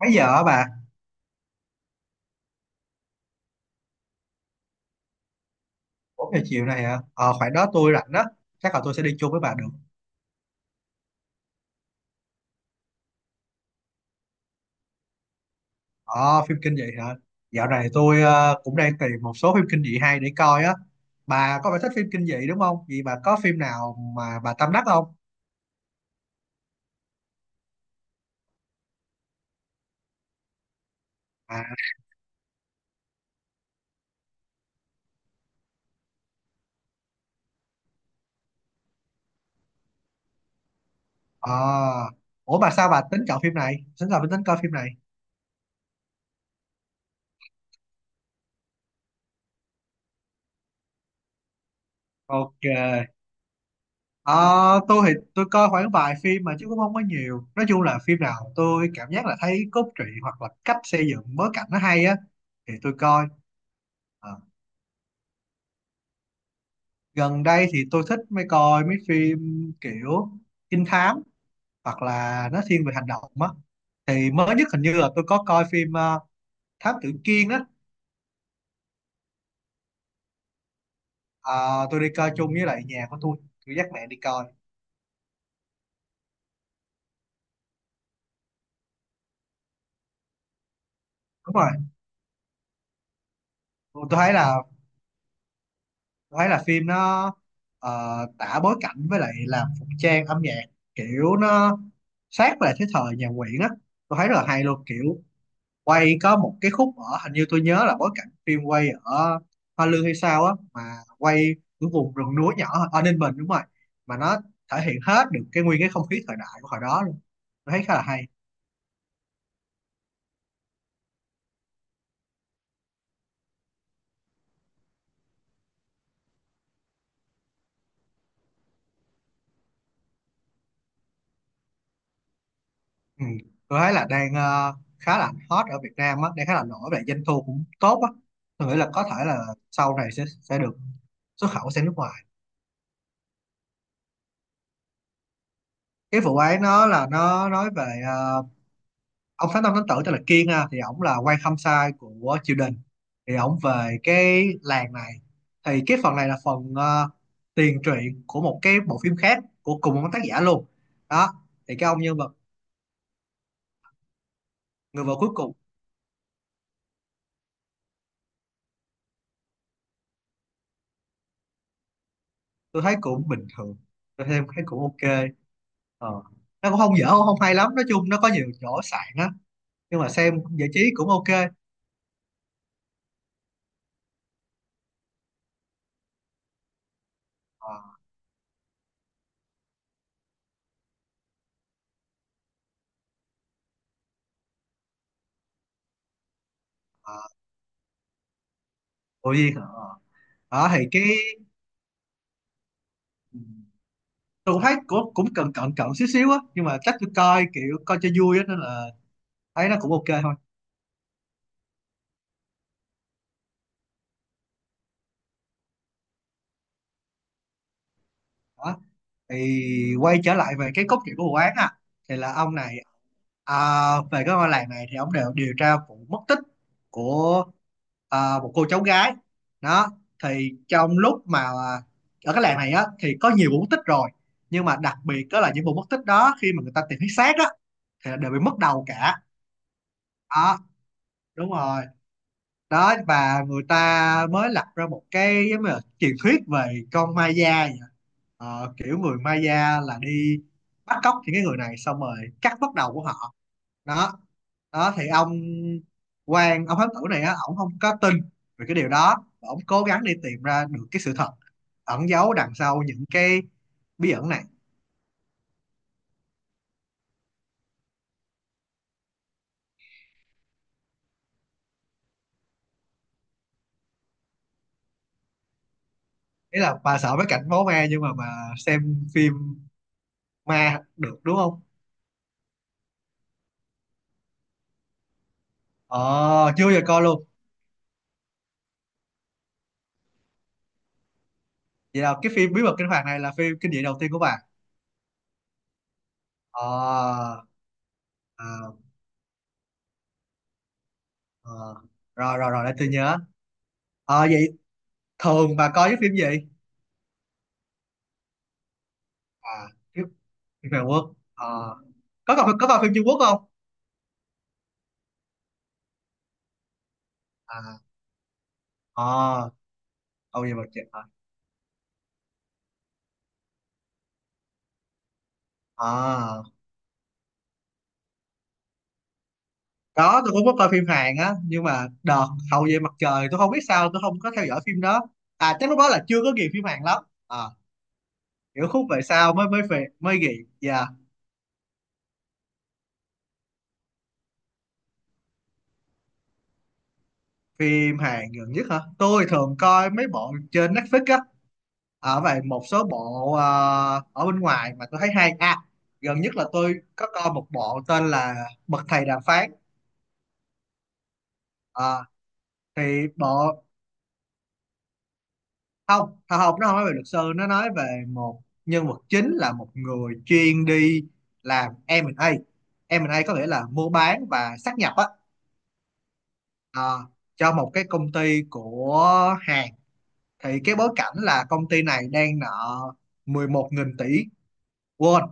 Mấy giờ hả bà? 4 giờ chiều này hả? Ờ Khoảng đó tôi rảnh đó. Chắc là tôi sẽ đi chung với bà được. Ờ, phim kinh dị hả? Dạo này tôi cũng đang tìm một số phim kinh dị hay để coi á. Bà có phải thích phim kinh dị đúng không? Vậy bà có phim nào mà bà tâm đắc không? À. Ờ. Ủa bà, sao bà tính chọn phim này, tính là tính coi phim này? Ok. Ờ. Tôi thì tôi coi khoảng vài phim mà, chứ cũng không có nhiều. Nói chung là phim nào tôi cảm giác là thấy cốt truyện hoặc là cách xây dựng bối cảnh nó hay á thì tôi coi. Ờ. Gần đây thì tôi thích coi mấy phim kiểu trinh thám hoặc là nó thiên về hành động á. Thì mới nhất hình như là tôi có coi phim Thám Tử Kiên á. Ờ, tôi đi coi chung với lại nhà của tôi dắt mẹ đi coi. Đúng rồi. tôi tôi thấy là tôi thấy là phim nó ờ, tả bối cảnh với lại làm phục trang âm nhạc, kiểu nó sát lại cái thời nhà Nguyễn á. Tôi thấy rất là hay luôn, kiểu quay có một cái khúc ở, hình như tôi nhớ là bối cảnh phim quay ở Hoa Lư hay sao á mà quay cái vùng rừng núi nhỏ ở Ninh Bình, đúng rồi. Mà nó thể hiện hết được cái nguyên cái không khí thời đại của hồi đó luôn. Tôi thấy khá là hay. Ừ. Tôi thấy là đang khá là hot ở Việt Nam á, đang khá là nổi về doanh thu cũng tốt á. Tôi nghĩ là có thể là sau này sẽ được xuất khẩu sang nước ngoài. Cái vụ ấy nó nói về ông Phát Tâm Thánh Tử tên là Kiên ha, thì ổng là quan khâm sai của triều đình, thì ổng về cái làng này. Thì cái phần này là phần tiền truyện của một cái bộ phim khác của cùng một tác giả luôn đó. Thì cái ông nhân vật người vợ cuối cùng. Tôi thấy cũng bình thường. Tôi thấy cũng ok. Ờ. Nó cũng không dở không hay lắm, nói chung nó có nhiều chỗ sạn á nhưng mà xem giải trí cũng ok. ờ, ờ, cô Duyên hả? Ờ. Đó thì cái, tôi cũng thấy cũng cần cận cận xíu xíu á nhưng mà chắc tôi coi kiểu coi cho vui á nên là thấy nó cũng ok thôi. Đó thì quay trở lại về cái cốt truyện của vụ án à, thì là ông này à, về cái ngôi làng này thì ông đều điều tra vụ mất tích của à, một cô cháu gái đó. Thì trong lúc mà ở cái làng này á thì có nhiều vụ mất tích rồi, nhưng mà đặc biệt đó là những vụ mất tích đó, khi mà người ta tìm thấy xác á thì đều bị mất đầu cả. Đó. Đúng rồi. Đó và người ta mới lập ra một cái giống như là truyền thuyết về con Maya vậy. Ờ, kiểu người Maya là đi bắt cóc những cái người này xong rồi cắt bắt đầu của họ đó. Đó thì ông quan, ông thám tử này á, ổng không có tin về cái điều đó và ổng cố gắng đi tìm ra được cái sự thật ẩn giấu đằng sau những cái bí ẩn này. Ý là bà sợ mấy cảnh máu me nhưng mà bà xem phim ma được đúng không? ờ Chưa bao giờ coi luôn. Vậy là cái phim bí mật kinh hoàng này là phim kinh dị đầu tiên của bạn? Ờ. Ờ. Ờ. Rồi rồi rồi, để tôi nhớ. Vậy thường bà coi cái phim gì? À, phim phim Hàn Quốc. Ờ. Có coi, có coi phim Trung Quốc không? À. ờ Hậu duệ mặt trời. À có, tôi cũng có coi phim Hàn á nhưng mà đợt hậu về mặt trời tôi không biết sao tôi không có theo dõi phim đó. À chắc lúc đó là chưa có ghiền phim Hàn lắm. À kiểu khúc về sau mới mới về mới ghiền. Dạ. Phim Hàn gần nhất hả? Tôi thường coi mấy bộ trên Netflix á. Ở vậy một số bộ ở bên ngoài mà tôi thấy hay à. Gần nhất là tôi có coi một bộ tên là Bậc Thầy Đàm Phán. Ờ, thì bộ không không không, nó không nói về luật sư, nó nói về một nhân vật chính là một người chuyên đi làm M&A. M&A có nghĩa là mua bán và sát nhập á. ờ, cho một cái công ty của Hàn. Thì cái bối cảnh là công ty này đang nợ 11 nghìn tỷ won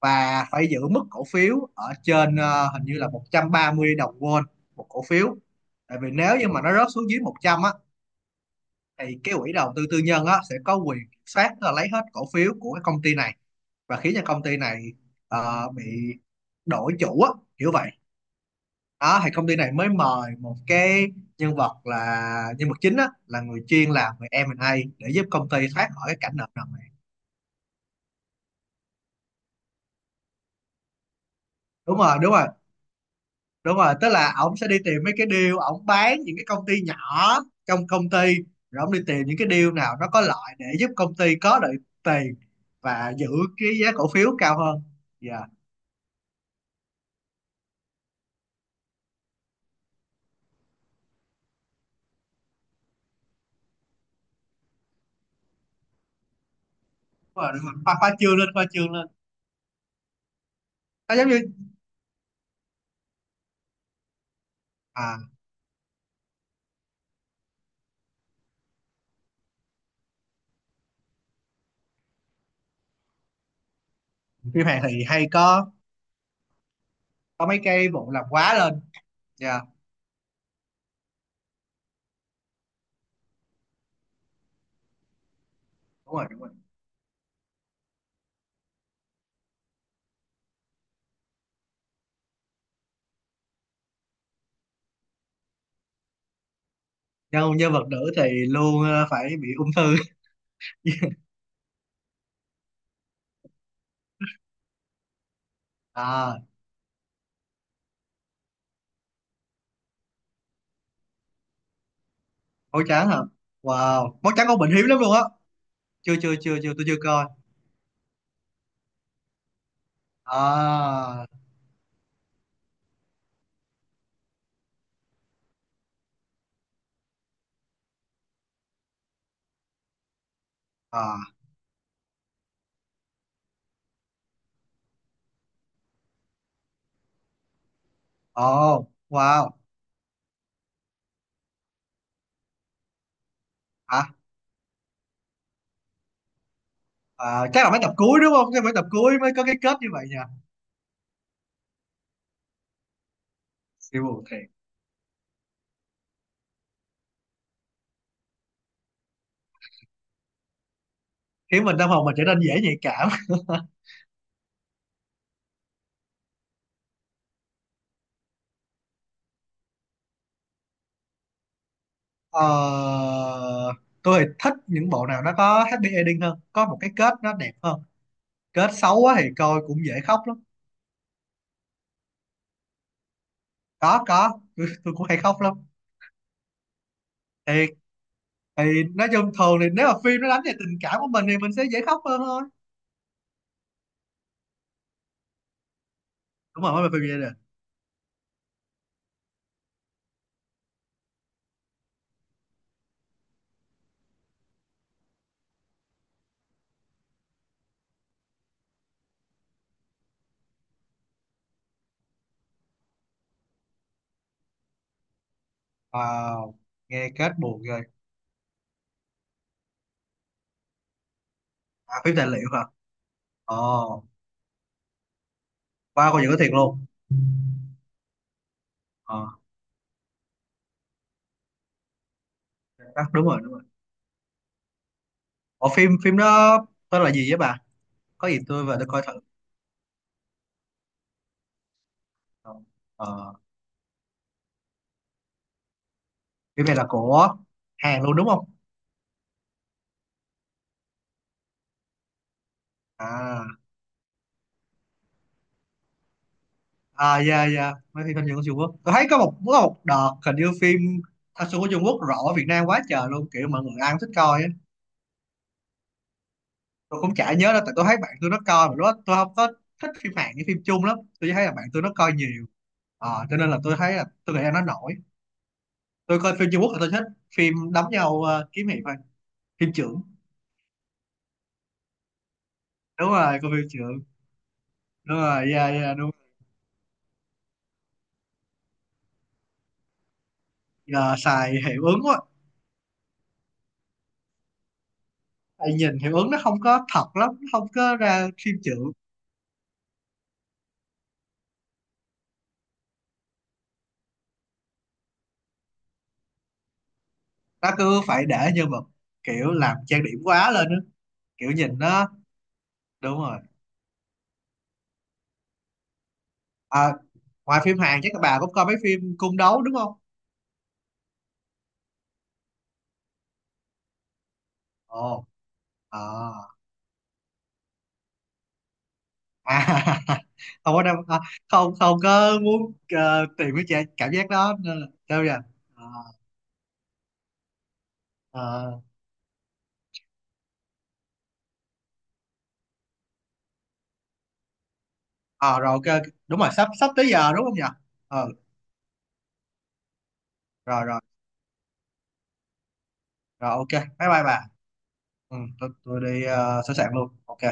và phải giữ mức cổ phiếu ở trên hình như là 130 đồng won một cổ phiếu. Tại vì nếu như mà nó rớt xuống dưới 100 á thì cái quỹ đầu tư tư nhân á sẽ có quyền kiểm soát, tức là lấy hết cổ phiếu của cái công ty này và khiến cho công ty này bị đổi chủ á, kiểu vậy. Đó thì công ty này mới mời một cái nhân vật là nhân vật chính á, là người chuyên làm về M&A để giúp công ty thoát khỏi cái cảnh nợ nần. Đúng rồi đúng rồi đúng rồi, tức là ổng sẽ đi tìm mấy cái deal, ổng bán những cái công ty nhỏ trong công ty rồi ổng đi tìm những cái deal nào nó có lợi để giúp công ty có được tiền và giữ cái giá cổ phiếu cao hơn. Dạ. Đúng rồi đúng rồi, khoa trương lên, khoa trương lên. Nó giống như à, phim Hàn thì hay có mấy cái vụ làm quá lên. Dạ. Đúng rồi đúng rồi, nhân nhân vật nữ thì luôn phải bị ung thư. À máu trắng hả? Wow, máu trắng con bệnh hiếm lắm luôn á. Chưa, chưa, chưa, chưa, tôi chưa coi. À à. Ồ, wow. Hả? À, chắc là mấy tập cuối đúng không? Cái mấy tập cuối mới có cái kết như vậy nha. Siêu buồn thiệt. Khiến mình tâm hồn mình trở nên dễ nhạy cảm. Ờ, tôi thì thích những bộ nào nó có happy ending hơn. Có một cái kết nó đẹp hơn. Kết xấu quá thì coi cũng dễ khóc lắm. Có, có. Tôi cũng hay khóc lắm. Thiệt. Thì nói chung thường thì nếu mà phim nó đánh về tình cảm của mình thì mình sẽ dễ khóc hơn thôi. Đúng rồi, mới về phim gia đình. Wow. Nghe kết buồn rồi. À, phim tài liệu hả? Ồ, wow, coi những cái thiệt luôn. Ờ. Đó, đúng rồi đúng rồi, ở phim phim đó tên là gì vậy bà? Có gì tôi về tôi coi thử. ờ, Phim này là của Hàn luôn đúng không? À à, dạ dạ, mấy phim thanh xuân của Trung Quốc tôi thấy có một đợt hình như phim thanh xuân của Trung Quốc rõ Việt Nam quá trời luôn, kiểu mọi người ai cũng thích coi á. Tôi cũng chả nhớ đâu, tại tôi thấy bạn tôi nó coi mà lúc đó tôi không có thích phim Hàn với phim Trung lắm, tôi chỉ thấy là bạn tôi nó coi nhiều. Ờ, cho nên là tôi thấy là tôi nghĩ là nó nổi. Tôi coi phim Trung Quốc là tôi thích phim đấm nhau, kiếm hiệp thôi. Phim trưởng. Đúng rồi coi phim trưởng. Đúng rồi, dạ dạ đúng. Giờ xài hiệu ứng quá. Tại nhìn hiệu ứng nó không có thật lắm, nó không có ra phim chưởng. Nó cứ phải để nhân vật kiểu làm trang điểm quá lên á, kiểu nhìn nó, đúng rồi. À, ngoài phim Hàn chắc các bà cũng coi mấy phim cung đấu đúng không? Ồ. À, à, không có đâu à, không không có muốn tìm cái cảm giác đó nên là đâu vậy. À, ờ. Ờ, rồi ok, đúng rồi sắp sắp tới giờ đúng không nhỉ? Ờ rồi rồi rồi ok bye bye bà. Ừ, tôi đi sẵn sàng luôn ok.